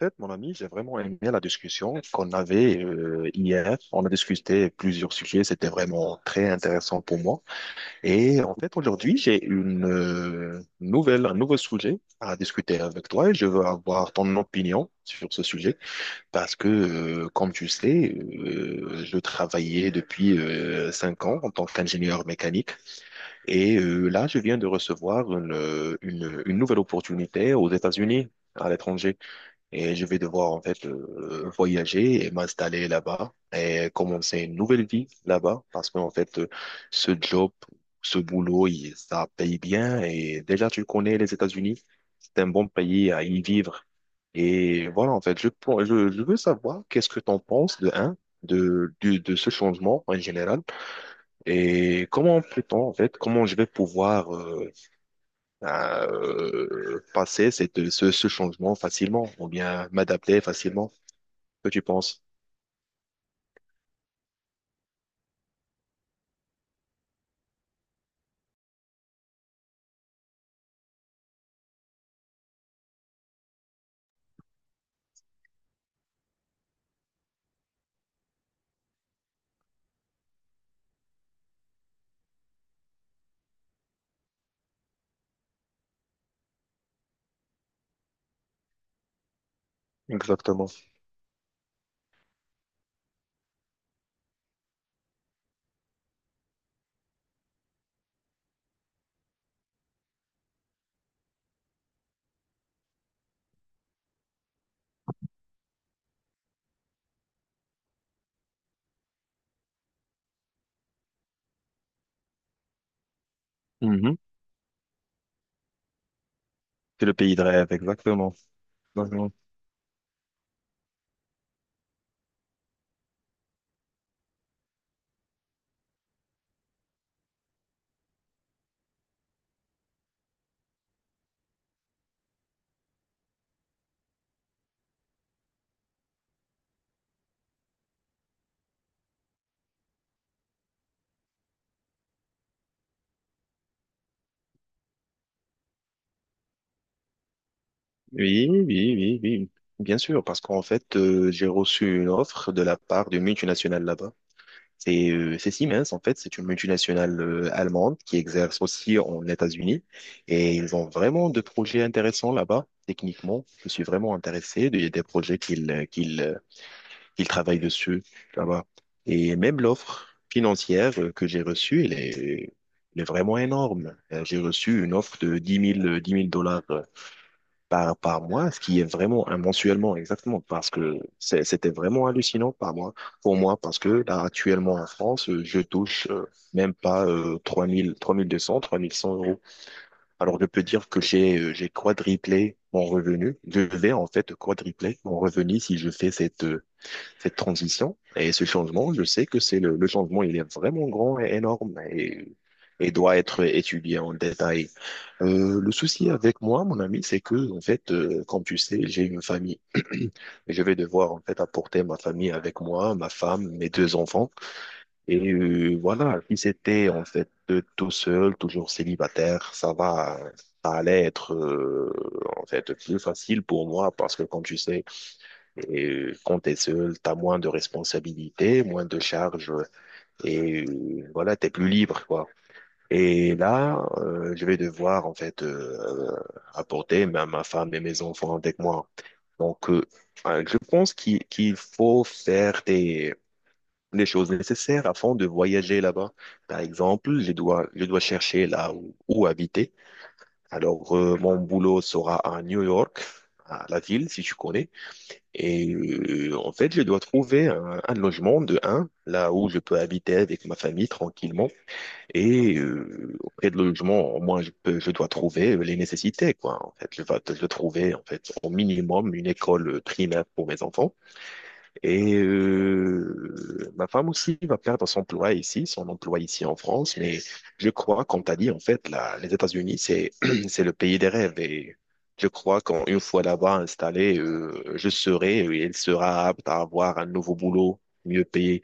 Fait, mon ami, j'ai vraiment aimé la discussion qu'on avait hier. On a discuté plusieurs sujets, c'était vraiment très intéressant pour moi. Et en fait, aujourd'hui, j'ai un nouveau sujet à discuter avec toi et je veux avoir ton opinion sur ce sujet parce que, comme tu sais, je travaillais depuis 5 ans en tant qu'ingénieur mécanique. Et là, je viens de recevoir une nouvelle opportunité aux États-Unis, à l'étranger. Et je vais devoir en fait, voyager et m'installer là-bas et commencer une nouvelle vie là-bas parce qu'en fait, ce job, ce boulot, ça paye bien et déjà tu connais les États-Unis, c'est un bon pays à y vivre. Et voilà en fait, je veux savoir qu'est-ce que t'en penses de un, de ce changement en général et comment peut-on en fait, comment je vais pouvoir passer ce changement facilement ou bien m'adapter facilement, que tu penses? Exactement. Mhm. C'est le pays de rêve, exactement. Mhm. Oui, oui, oui, oui. Bien sûr, parce qu'en fait, j'ai reçu une offre de la part d'une multinationale là-bas. C'est Siemens, en fait, c'est une multinationale allemande qui exerce aussi en États-Unis. Et ils ont vraiment de projets intéressants là-bas, techniquement. Je suis vraiment intéressé des projets qu'ils travaillent dessus là-bas. Et même l'offre financière, que j'ai reçue, elle est vraiment énorme. J'ai reçu une offre de dix mille 10 000 dollars, par mois, ce qui est vraiment un mensuellement, exactement, parce que c'était vraiment hallucinant par mois, pour moi, parce que là, actuellement en France, je touche même pas, 3 000, 3 200, 3 100 euros. Alors, je peux dire que j'ai quadruplé mon revenu. Je vais en fait quadrupler mon revenu si je fais cette transition et ce changement. Je sais que c'est le changement, il est vraiment grand et énorme et doit être étudié en détail. Le souci avec moi, mon ami, c'est que, en fait, comme tu sais, j'ai une famille. Je vais devoir, en fait, apporter ma famille avec moi, ma femme, mes deux enfants. Voilà, si c'était, en fait, tout seul, toujours célibataire, ça va, ça allait être, en fait, plus facile pour moi parce que, comme tu sais, quand t'es seul, t'as moins de responsabilités, moins de charges, voilà, t'es plus libre, quoi. Et là, je vais devoir en fait, apporter ma femme et mes enfants avec moi. Donc, je pense qu'il faut faire des les choses nécessaires afin de voyager là-bas. Par exemple, je dois chercher où habiter. Alors, mon boulot sera à New York, à la ville, si tu connais. En fait, je dois trouver un logement là où je peux habiter avec ma famille tranquillement. Auprès de logement, moi, je dois trouver les nécessités, quoi. En fait, je dois trouver, en fait, au minimum une école primaire pour mes enfants. Ma femme aussi va perdre son emploi ici en France. Mais je crois, comme tu as dit, en fait, là, les États-Unis, c'est c'est le pays des rêves. Et je crois qu'une fois là-bas installé, je serai et elle sera apte à avoir un nouveau boulot mieux payé.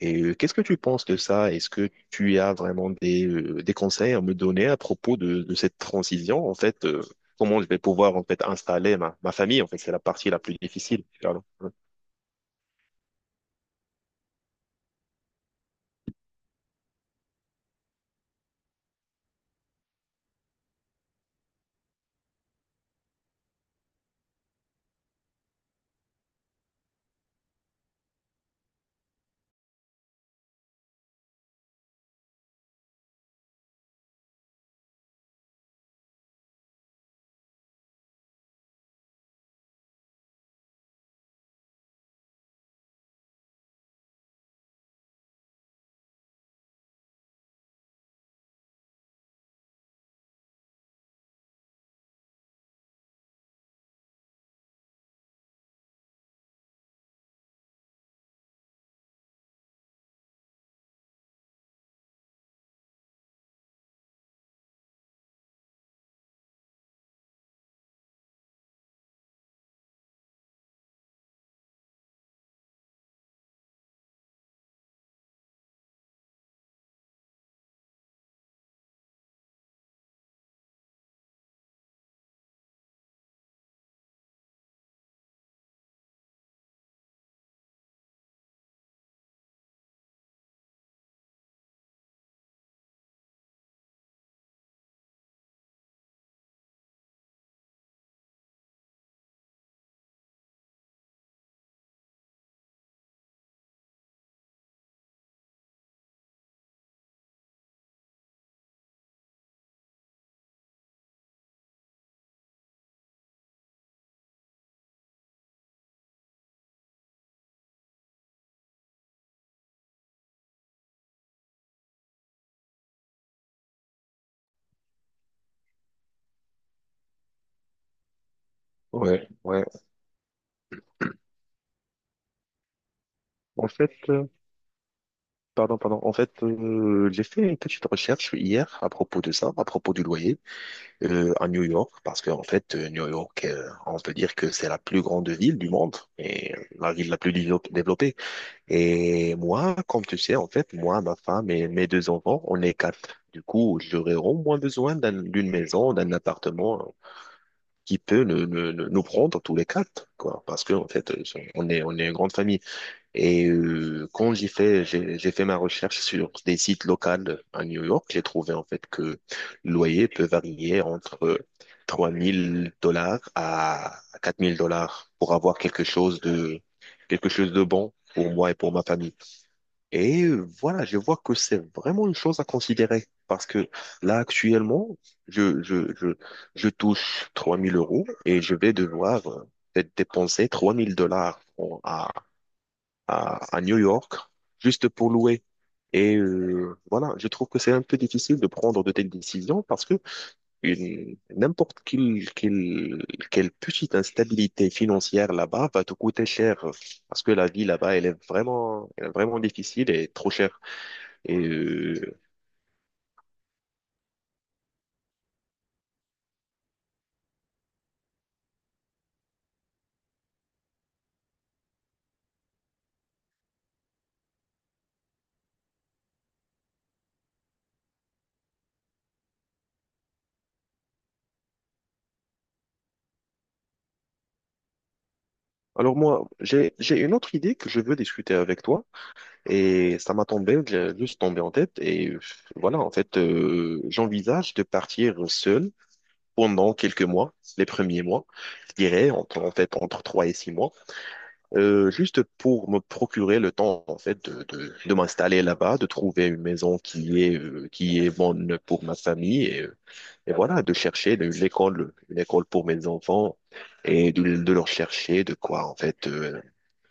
Qu'est-ce que tu penses de ça? Est-ce que tu as vraiment des conseils à me donner à propos de cette transition, en fait, comment je vais pouvoir en fait installer ma famille? En fait, c'est la partie la plus difficile. Pardon. Ouais, ouais. En fait, pardon. En fait, j'ai fait une petite recherche hier à propos de ça, à propos du loyer, à New York, parce que en fait, New York, on peut dire que c'est la plus grande ville du monde et la ville la plus développée. Et moi, comme tu sais, en fait, moi, ma femme et mes deux enfants, on est quatre. Du coup, j'aurais au moins besoin d'une maison, d'un appartement qui peut nous prendre tous les quatre, quoi, parce que en fait, on est une grande famille. Quand j'ai fait ma recherche sur des sites locaux à New York, j'ai trouvé en fait que le loyer peut varier entre 3 000 dollars à 4 000 dollars pour avoir quelque chose de bon pour moi et pour ma famille. Voilà, je vois que c'est vraiment une chose à considérer parce que là, actuellement, je, je, je, je touche 3 000 euros et je vais devoir, peut-être dépenser 3 000 dollars à New York juste pour louer. Voilà, je trouve que c'est un peu difficile de prendre de telles décisions parce que n'importe quelle petite instabilité financière là-bas va te coûter cher parce que la vie là-bas, elle est vraiment difficile et trop chère. Et euh, alors moi, j'ai une autre idée que je veux discuter avec toi et j'ai juste tombé en tête, voilà, en fait, j'envisage de partir seul pendant quelques mois, les premiers mois, je dirais, entre 3 et 6 mois, juste pour me procurer le temps, en fait, de m'installer là-bas, de trouver une maison qui est bonne pour ma famille, et voilà, de chercher une école pour mes enfants et de leur chercher de quoi, en fait,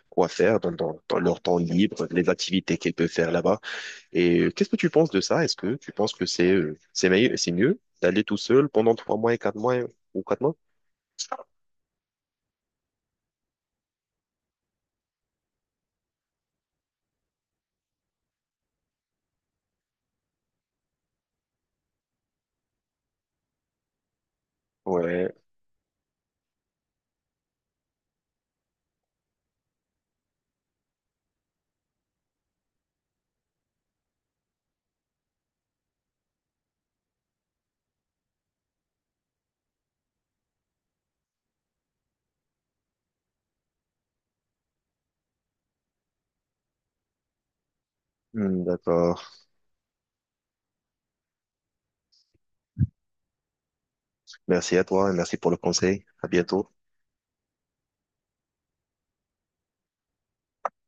quoi faire dans leur temps libre, les activités qu'ils peuvent faire là-bas. Qu'est-ce que tu penses de ça? Est-ce que tu penses que c'est mieux d'aller tout seul pendant 3 mois et 4 mois? Ouais, hmm, d'accord. Merci à toi et merci pour le conseil. À bientôt.